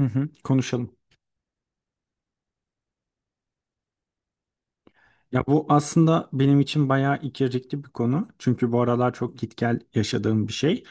Hı hı, konuşalım. Ya bu aslında benim için bayağı ikircikli bir konu. Çünkü bu aralar çok git gel yaşadığım bir şey.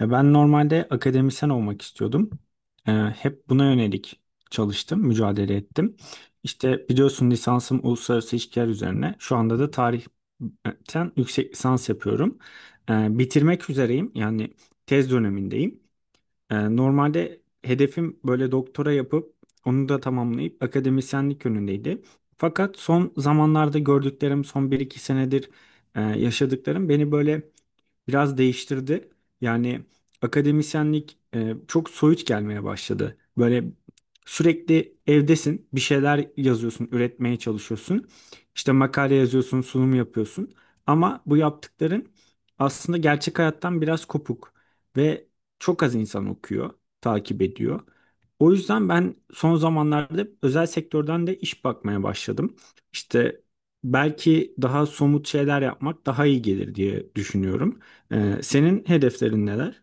Ya ben normalde akademisyen olmak istiyordum. Hep buna yönelik çalıştım, mücadele ettim. İşte biliyorsun lisansım uluslararası ilişkiler üzerine. Şu anda da tarihten yüksek lisans yapıyorum. Bitirmek üzereyim. Yani tez dönemindeyim. Normalde hedefim böyle doktora yapıp onu da tamamlayıp akademisyenlik yönündeydi. Fakat son zamanlarda gördüklerim, son bir iki senedir yaşadıklarım beni böyle biraz değiştirdi. Yani akademisyenlik çok soyut gelmeye başladı. Böyle sürekli evdesin, bir şeyler yazıyorsun, üretmeye çalışıyorsun. İşte makale yazıyorsun, sunum yapıyorsun. Ama bu yaptıkların aslında gerçek hayattan biraz kopuk ve çok az insan okuyor, takip ediyor. O yüzden ben son zamanlarda özel sektörden de iş bakmaya başladım. İşte belki daha somut şeyler yapmak daha iyi gelir diye düşünüyorum. Senin hedeflerin neler?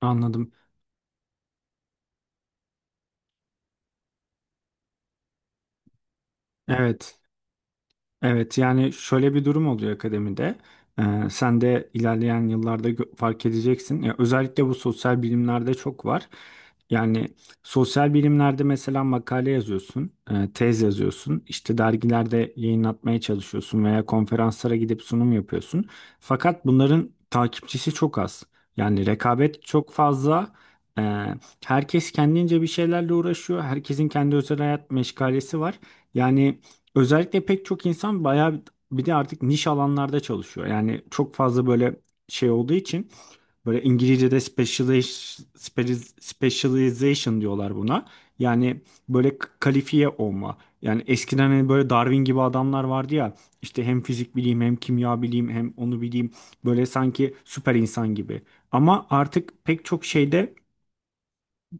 Anladım. Evet. Evet yani şöyle bir durum oluyor akademide. Ee, sen de ilerleyen yıllarda fark edeceksin. Ya özellikle bu sosyal bilimlerde çok var. Yani sosyal bilimlerde mesela makale yazıyorsun, tez yazıyorsun, işte dergilerde yayınlatmaya çalışıyorsun veya konferanslara gidip sunum yapıyorsun. Fakat bunların takipçisi çok az. Yani rekabet çok fazla. Ee, herkes kendince bir şeylerle uğraşıyor. Herkesin kendi özel hayat meşgalesi var. Yani özellikle pek çok insan bayağı bir bir de artık niş alanlarda çalışıyor. Yani çok fazla böyle şey olduğu için böyle İngilizce'de specialization diyorlar buna. Yani böyle kalifiye olma. Yani eskiden hani böyle Darwin gibi adamlar vardı ya işte hem fizik bileyim hem kimya bileyim hem onu bileyim böyle sanki süper insan gibi. Ama artık pek çok şeyde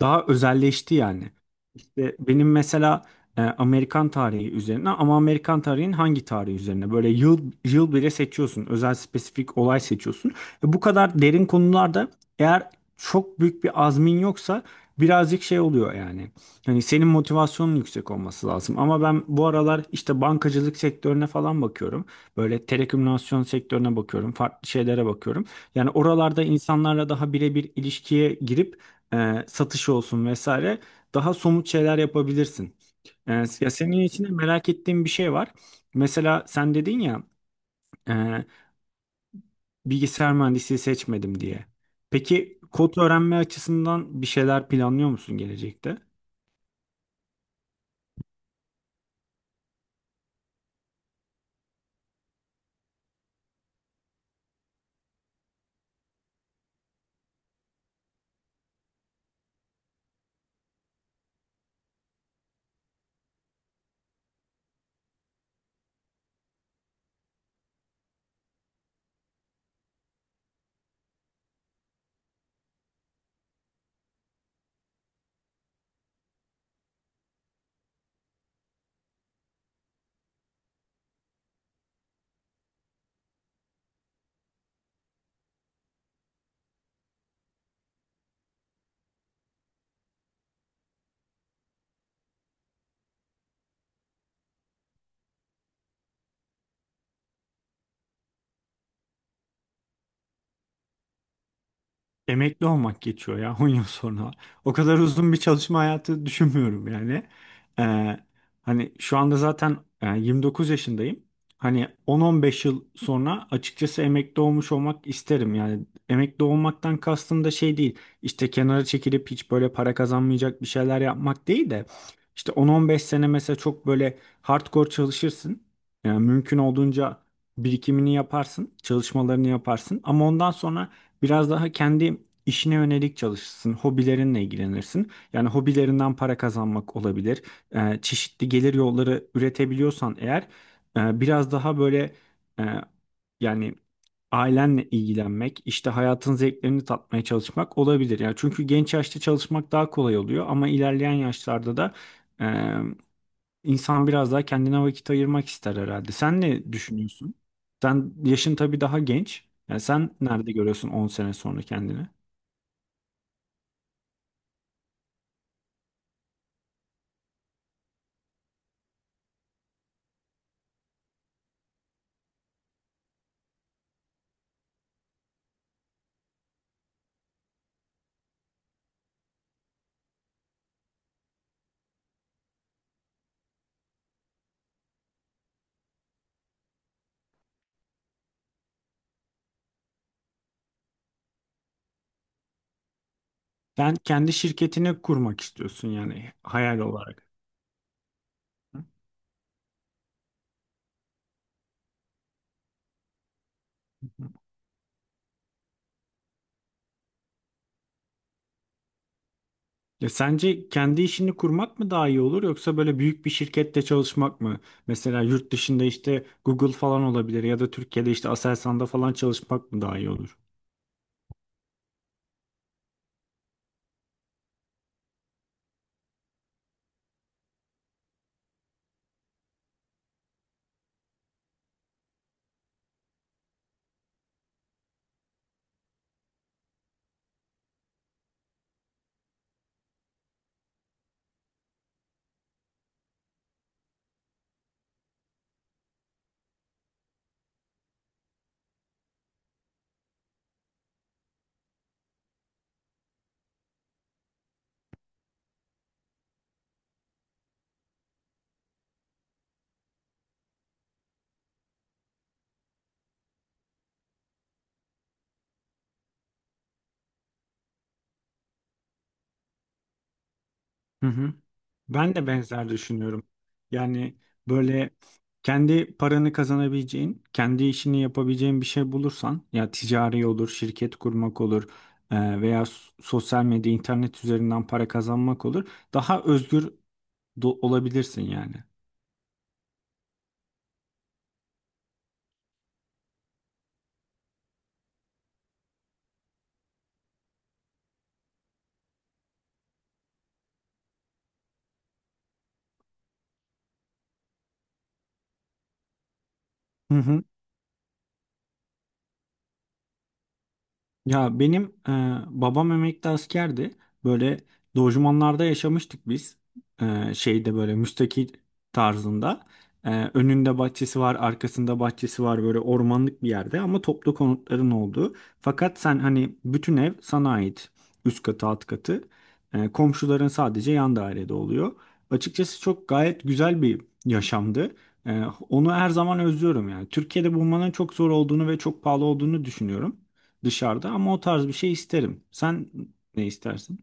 daha özelleşti yani. İşte benim mesela Amerikan tarihi üzerine ama Amerikan tarihinin hangi tarihi üzerine? Böyle yıl yıl bile seçiyorsun. Özel spesifik olay seçiyorsun. Bu kadar derin konularda eğer çok büyük bir azmin yoksa birazcık şey oluyor yani. Hani senin motivasyonun yüksek olması lazım. Ama ben bu aralar işte bankacılık sektörüne falan bakıyorum. Böyle telekomünikasyon sektörüne bakıyorum. Farklı şeylere bakıyorum. Yani oralarda insanlarla daha birebir ilişkiye girip satış olsun vesaire daha somut şeyler yapabilirsin. Ya senin içinde merak ettiğim bir şey var. Mesela sen dedin ya e, bilgisayar mühendisliği seçmedim diye. Peki kod öğrenme açısından bir şeyler planlıyor musun gelecekte? Emekli olmak geçiyor ya 10 yıl sonra. O kadar uzun bir çalışma hayatı düşünmüyorum yani. Ee, hani şu anda zaten 29 yaşındayım. Hani 10-15 yıl sonra açıkçası emekli olmuş olmak isterim. Yani emekli olmaktan kastım da şey değil. İşte kenara çekilip hiç böyle para kazanmayacak bir şeyler yapmak değil de. İşte 10-15 sene mesela çok böyle hardcore çalışırsın. Yani mümkün olduğunca birikimini yaparsın, çalışmalarını yaparsın. Ama ondan sonra biraz daha kendi işine yönelik çalışırsın, hobilerinle ilgilenirsin. Yani hobilerinden para kazanmak olabilir. Çeşitli gelir yolları üretebiliyorsan eğer biraz daha böyle e, yani ailenle ilgilenmek, işte hayatın zevklerini tatmaya çalışmak olabilir. Yani çünkü genç yaşta çalışmak daha kolay oluyor ama ilerleyen yaşlarda da İnsan biraz daha kendine vakit ayırmak ister herhalde. Sen ne düşünüyorsun? Sen yaşın tabii daha genç. Yani sen nerede görüyorsun 10 sene sonra kendini? Sen kendi şirketini kurmak istiyorsun yani hayal olarak. Ya sence kendi işini kurmak mı daha iyi olur yoksa böyle büyük bir şirkette çalışmak mı? Mesela yurt dışında işte Google falan olabilir ya da Türkiye'de işte Aselsan'da falan çalışmak mı daha iyi olur? Hı hı. Ben de benzer düşünüyorum. Yani böyle kendi paranı kazanabileceğin, kendi işini yapabileceğin bir şey bulursan, ya ticari olur, şirket kurmak olur veya sosyal medya, internet üzerinden para kazanmak olur. Daha özgür olabilirsin yani. Hı hı. Ya benim e, babam emekli askerdi. Böyle lojmanlarda yaşamıştık biz. Şeyde böyle müstakil tarzında. Önünde bahçesi var, arkasında bahçesi var böyle ormanlık bir yerde ama toplu konutların olduğu. Fakat sen hani bütün ev sana ait. Üst katı, alt katı. Komşuların sadece yan dairede oluyor. Açıkçası çok gayet güzel bir yaşamdı. E, onu her zaman özlüyorum yani. Türkiye'de bulmanın çok zor olduğunu ve çok pahalı olduğunu düşünüyorum dışarıda ama o tarz bir şey isterim. Sen ne istersin?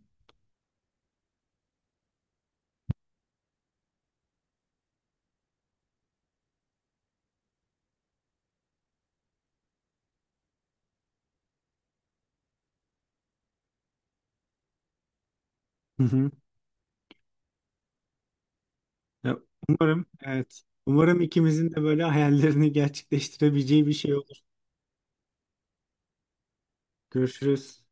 Hı hı. Ya, umarım, evet. Umarım ikimizin de böyle hayallerini gerçekleştirebileceği bir şey olur. Görüşürüz.